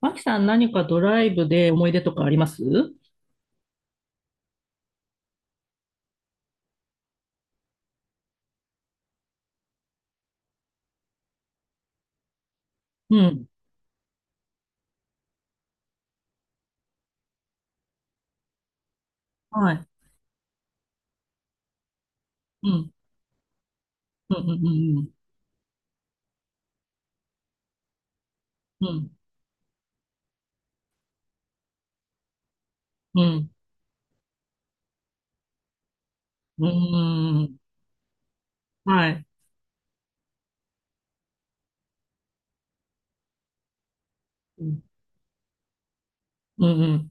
マキさん、何かドライブで思い出とかありますうん。はい。うん。うん。うんうん。うん。うん。うん。はい。うん。うん。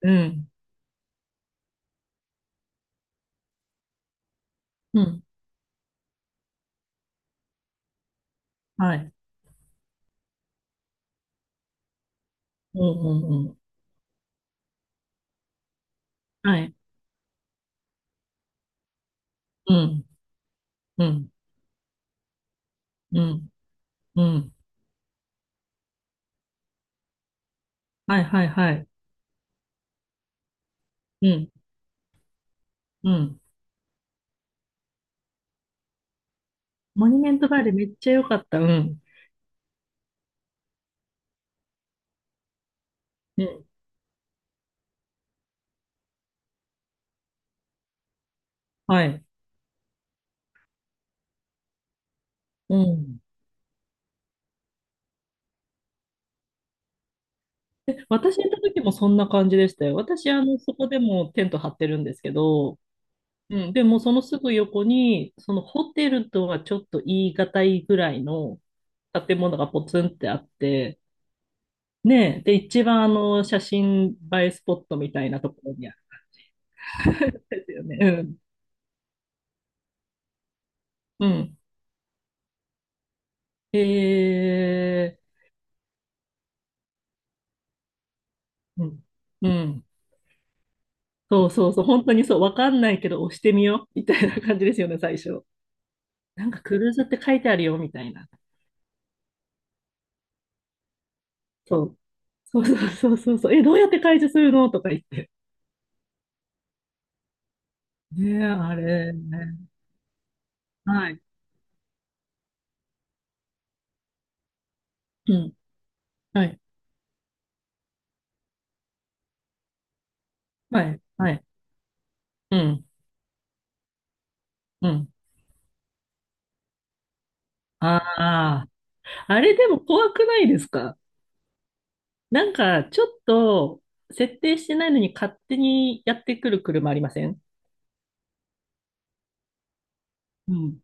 うん。うん。はい。うん。うん。うんはい。うん。うん。うん。うん。はい。はい。はい。うん。うん。モニュメントバレーめっちゃ良かった。うん。うん。はい。うん。え、私行った時もそんな感じでしたよ。私、あの、そこでもテント張ってるんですけど、うん、でもそのすぐ横に、そのホテルとはちょっと言い難いぐらいの建物がポツンってあって、ねえ、で、一番あの写真映えスポットみたいなところにあるんですよね。うん。うん。えー、うん。うん。そうそうそう、本当にそう、わかんないけど押してみよう、みたいな感じですよね、最初。なんかクルーズって書いてあるよ、みたいな。そう。そうそうそうそうそう。え、どうやって解除するのとか言って。ねえ、あれね。はい。うん。はい。はい、はい。うん、うん。ああ、あれでも怖くないですか？なんか、ちょっと、設定してないのに勝手にやってくる車ありません？うん。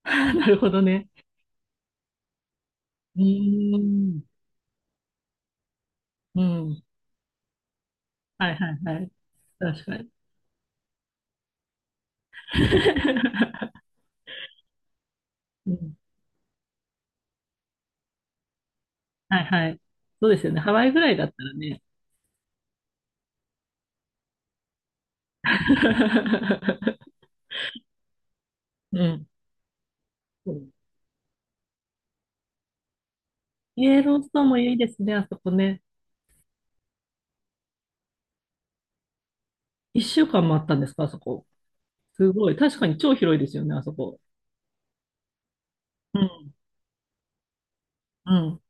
あなるほどね。うーん。うん。はいはいはい。確かに。うん。はいはい。そうですよね。ハワイぐらいだったらね。うん。イエローストーンもいいですね、あそこね。1週間もあったんですか、あそこ？すごい。確かに超広いですよね、あそこ。うんうん。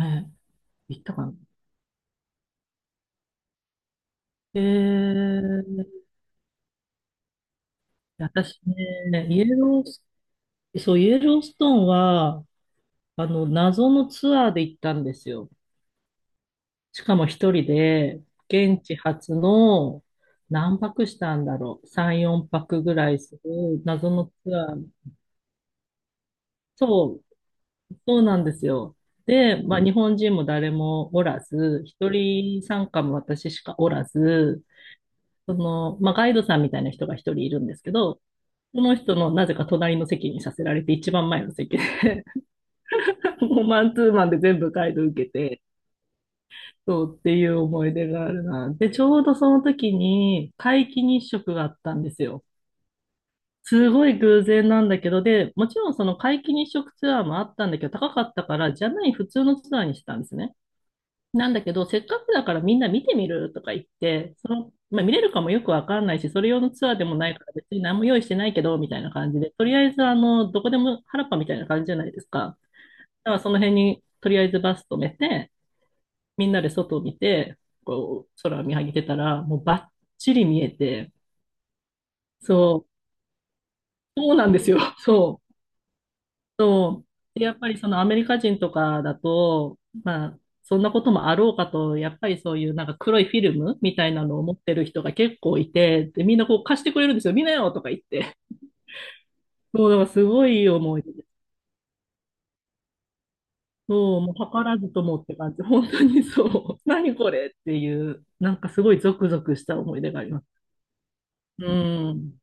ええ、行ったかな。ええ、私ね、イエロース、そう、イエローストーンは、あの、謎のツアーで行ったんですよ。しかも一人で、現地初の、何泊したんだろう。3、4泊ぐらいする謎のツアー。そう、そうなんですよ。で、まあ、日本人も誰もおらず、一人参加も私しかおらず、その、まあ、ガイドさんみたいな人が一人いるんですけど、その人のなぜか隣の席にさせられて、一番前の席で もうマンツーマンで全部ガイド受けて、そうっていう思い出があるな。で、ちょうどその時に皆既日食があったんですよ。すごい偶然なんだけど、で、もちろんその皆既日食ツアーもあったんだけど、高かったから、じゃない普通のツアーにしたんですね。なんだけど、せっかくだからみんな見てみるとか言って、その、まあ、見れるかもよくわかんないし、それ用のツアーでもないから別に何も用意してないけど、みたいな感じで、とりあえずあの、どこでも原っぱみたいな感じじゃないですか。だからその辺にとりあえずバス止めて、みんなで外を見て、こう、空を見上げてたら、もうバッチリ見えて、そう、そうなんですよ。そう。そう。でやっぱりそのアメリカ人とかだと、まあ、そんなこともあろうかと、やっぱりそういうなんか黒いフィルムみたいなのを持ってる人が結構いて、で、みんなこう貸してくれるんですよ。見なよとか言って。そう、だからすごい思い出です。そう、もう図らずともって感じ。本当にそう。何これっていう、なんかすごいゾクゾクした思い出があります。うん。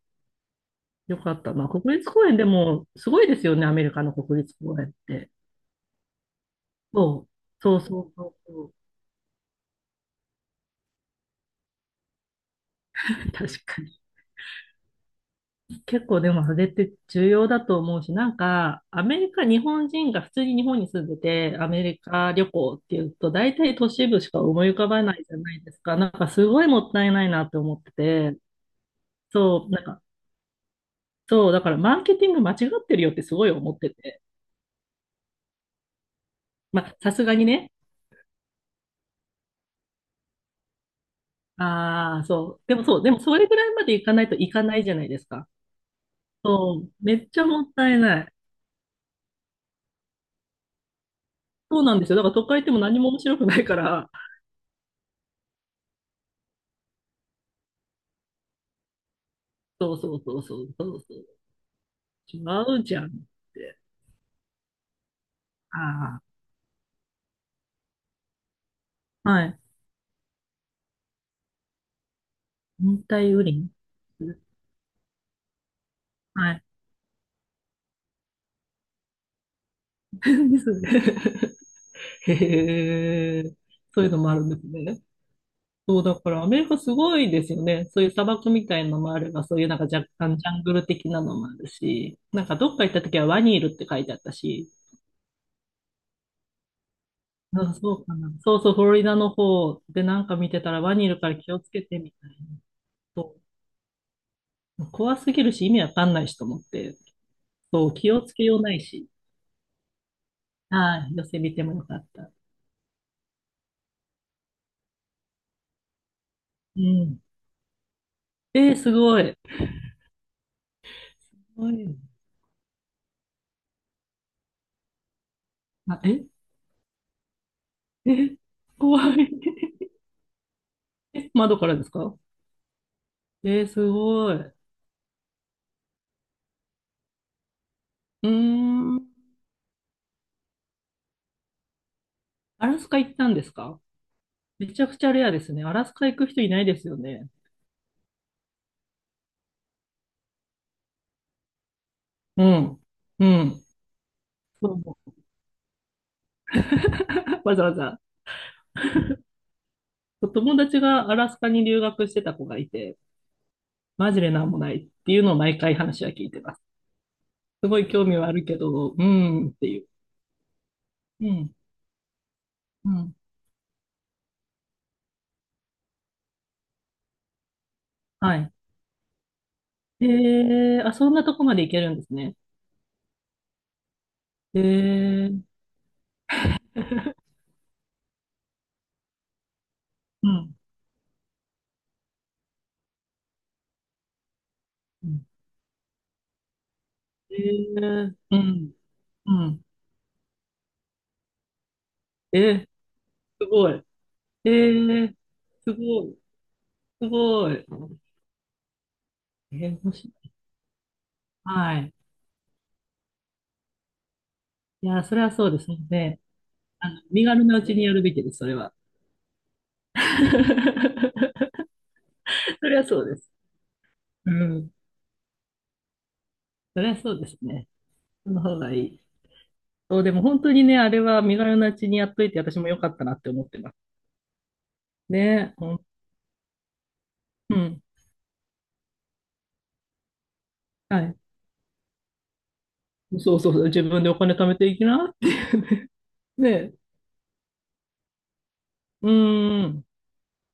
よかったな。国立公園でもすごいですよね。アメリカの国立公園って。そう。そうそうそうそう。確かに。結構でもそれって重要だと思うし、なんか、アメリカ、日本人が普通に日本に住んでて、アメリカ旅行っていうと、大体都市部しか思い浮かばないじゃないですか。なんかすごいもったいないなって思ってて、そう、なんか、そう、だからマーケティング間違ってるよってすごい思ってて。まあ、さすがにね。ああ、そう。でもそう、でもそれぐらいまでいかないといかないじゃないですか。そう、めっちゃもったいない。そうなんですよ。だから都会行っても何も面白くないから。そうそうそうそうそうそう。違うじゃんって。ああ、はい。温帯雨林。はい。ですね。へえ、そういうのもあるんですね。そう、だからアメリカすごいですよね。そういう砂漠みたいなのもあれば、そういうなんか若干ジャングル的なのもあるし、なんかどっか行った時はワニいるって書いてあったし、なんかそうかな。そうそう、フロリダの方でなんか見てたらワニいるから気をつけてみたいな。そう怖すぎるし意味わかんないしと思って、そう、気をつけようないし。はい寄せ見てもよかった。うん。えー、すごい。怖い。あ、え え怖い。え窓からですか？えー、すごい。うーん。アラスカ行ったんですか？めちゃくちゃレアですね。アラスカ行く人いないですよね。うん。うん。そう思う わざわざ。友達がアラスカに留学してた子がいて、マジでなんもないっていうのを毎回話は聞いてます。すごい興味はあるけど、うーんっていう。うん。うん。はい。へえ、あ、そんなとこまで行けるんですね。へえ、うん。うん。へえ、うん。うん。えー、すごい。えー、すごい。すごい。えー、面白い。はい。いや、それはそうですね。あの、身軽なうちにやるべきです、それは。それはそうです。うん。それはそうですね。その方がいい。そう、でも本当にね、あれは身軽なうちにやっといて、私も良かったなって思ってます。ね、うん。はい。そうそうそう、自分でお金貯めていきな。ね、うーん、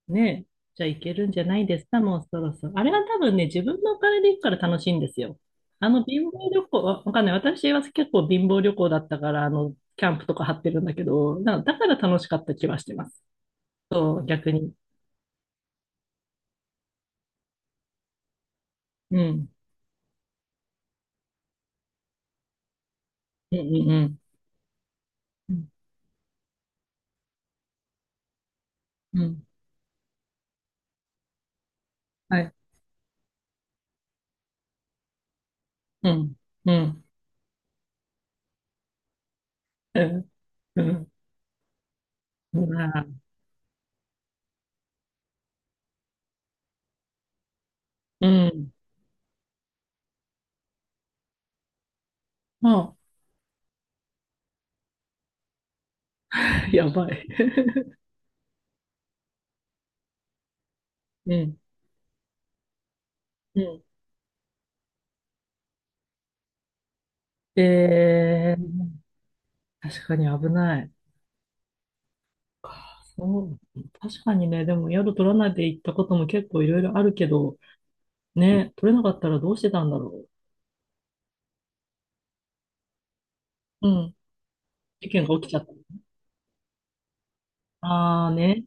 ねえ、じゃあいけるんじゃないですか、もうそろそろ。あれは多分ね、自分のお金で行くから楽しいんですよ。あの貧乏旅行、わかんない。私は結構貧乏旅行だったから、あの、キャンプとか張ってるんだけど、だから楽しかった気はしてます。そう、逆に。うん。うんうんうん。うん。うんはい。うん。うん。うん。うん。うん。うん。あ、やばい。うん。うん。えー確かに危ない。かそう。確かにね、でも宿取らないで行ったことも結構いろいろあるけど、ね、取れなかったらどうしてたんだろう。うん。事件が起きちゃった。ああね。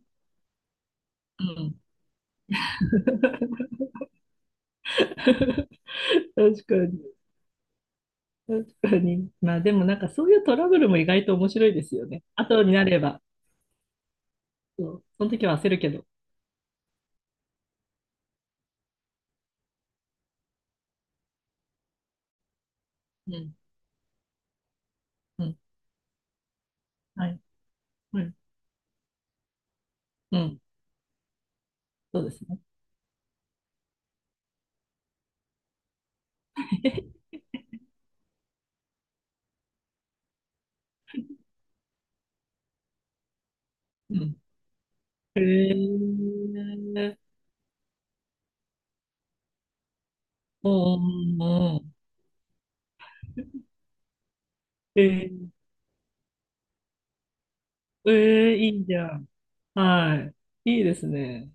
うん。確かに。確かに。まあでもなんかそういうトラブルも意外と面白いですよね。後になれば。そう。その時は焦るけど。うん。うん。はい。うん。うん。そうですね。うん。へえー。うんうんうん。えー、えー、いいじゃん。はい。いいですね。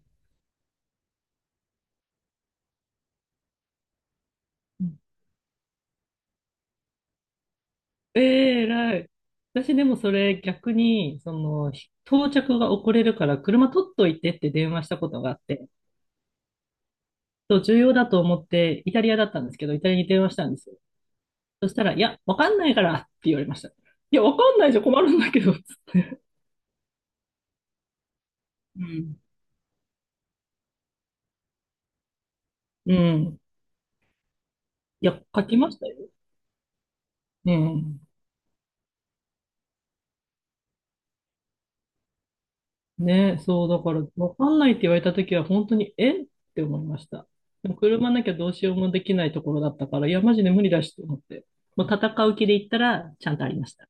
ええ偉い。私でもそれ逆に、その、到着が遅れるから車取っといてって電話したことがあって、そう、重要だと思ってイタリアだったんですけど、イタリアに電話したんですよ。そしたら、いや、わかんないからって言われました。いや、わかんないじゃ困るんだけど、つって。うん。うん。いや、書きましたよ。うん。ね、そう、だから、わかんないって言われたときは、本当に、えって思いました。でも車なきゃどうしようもできないところだったから、いや、マジで無理だしと思って。もう戦う気で行ったら、ちゃんとありました。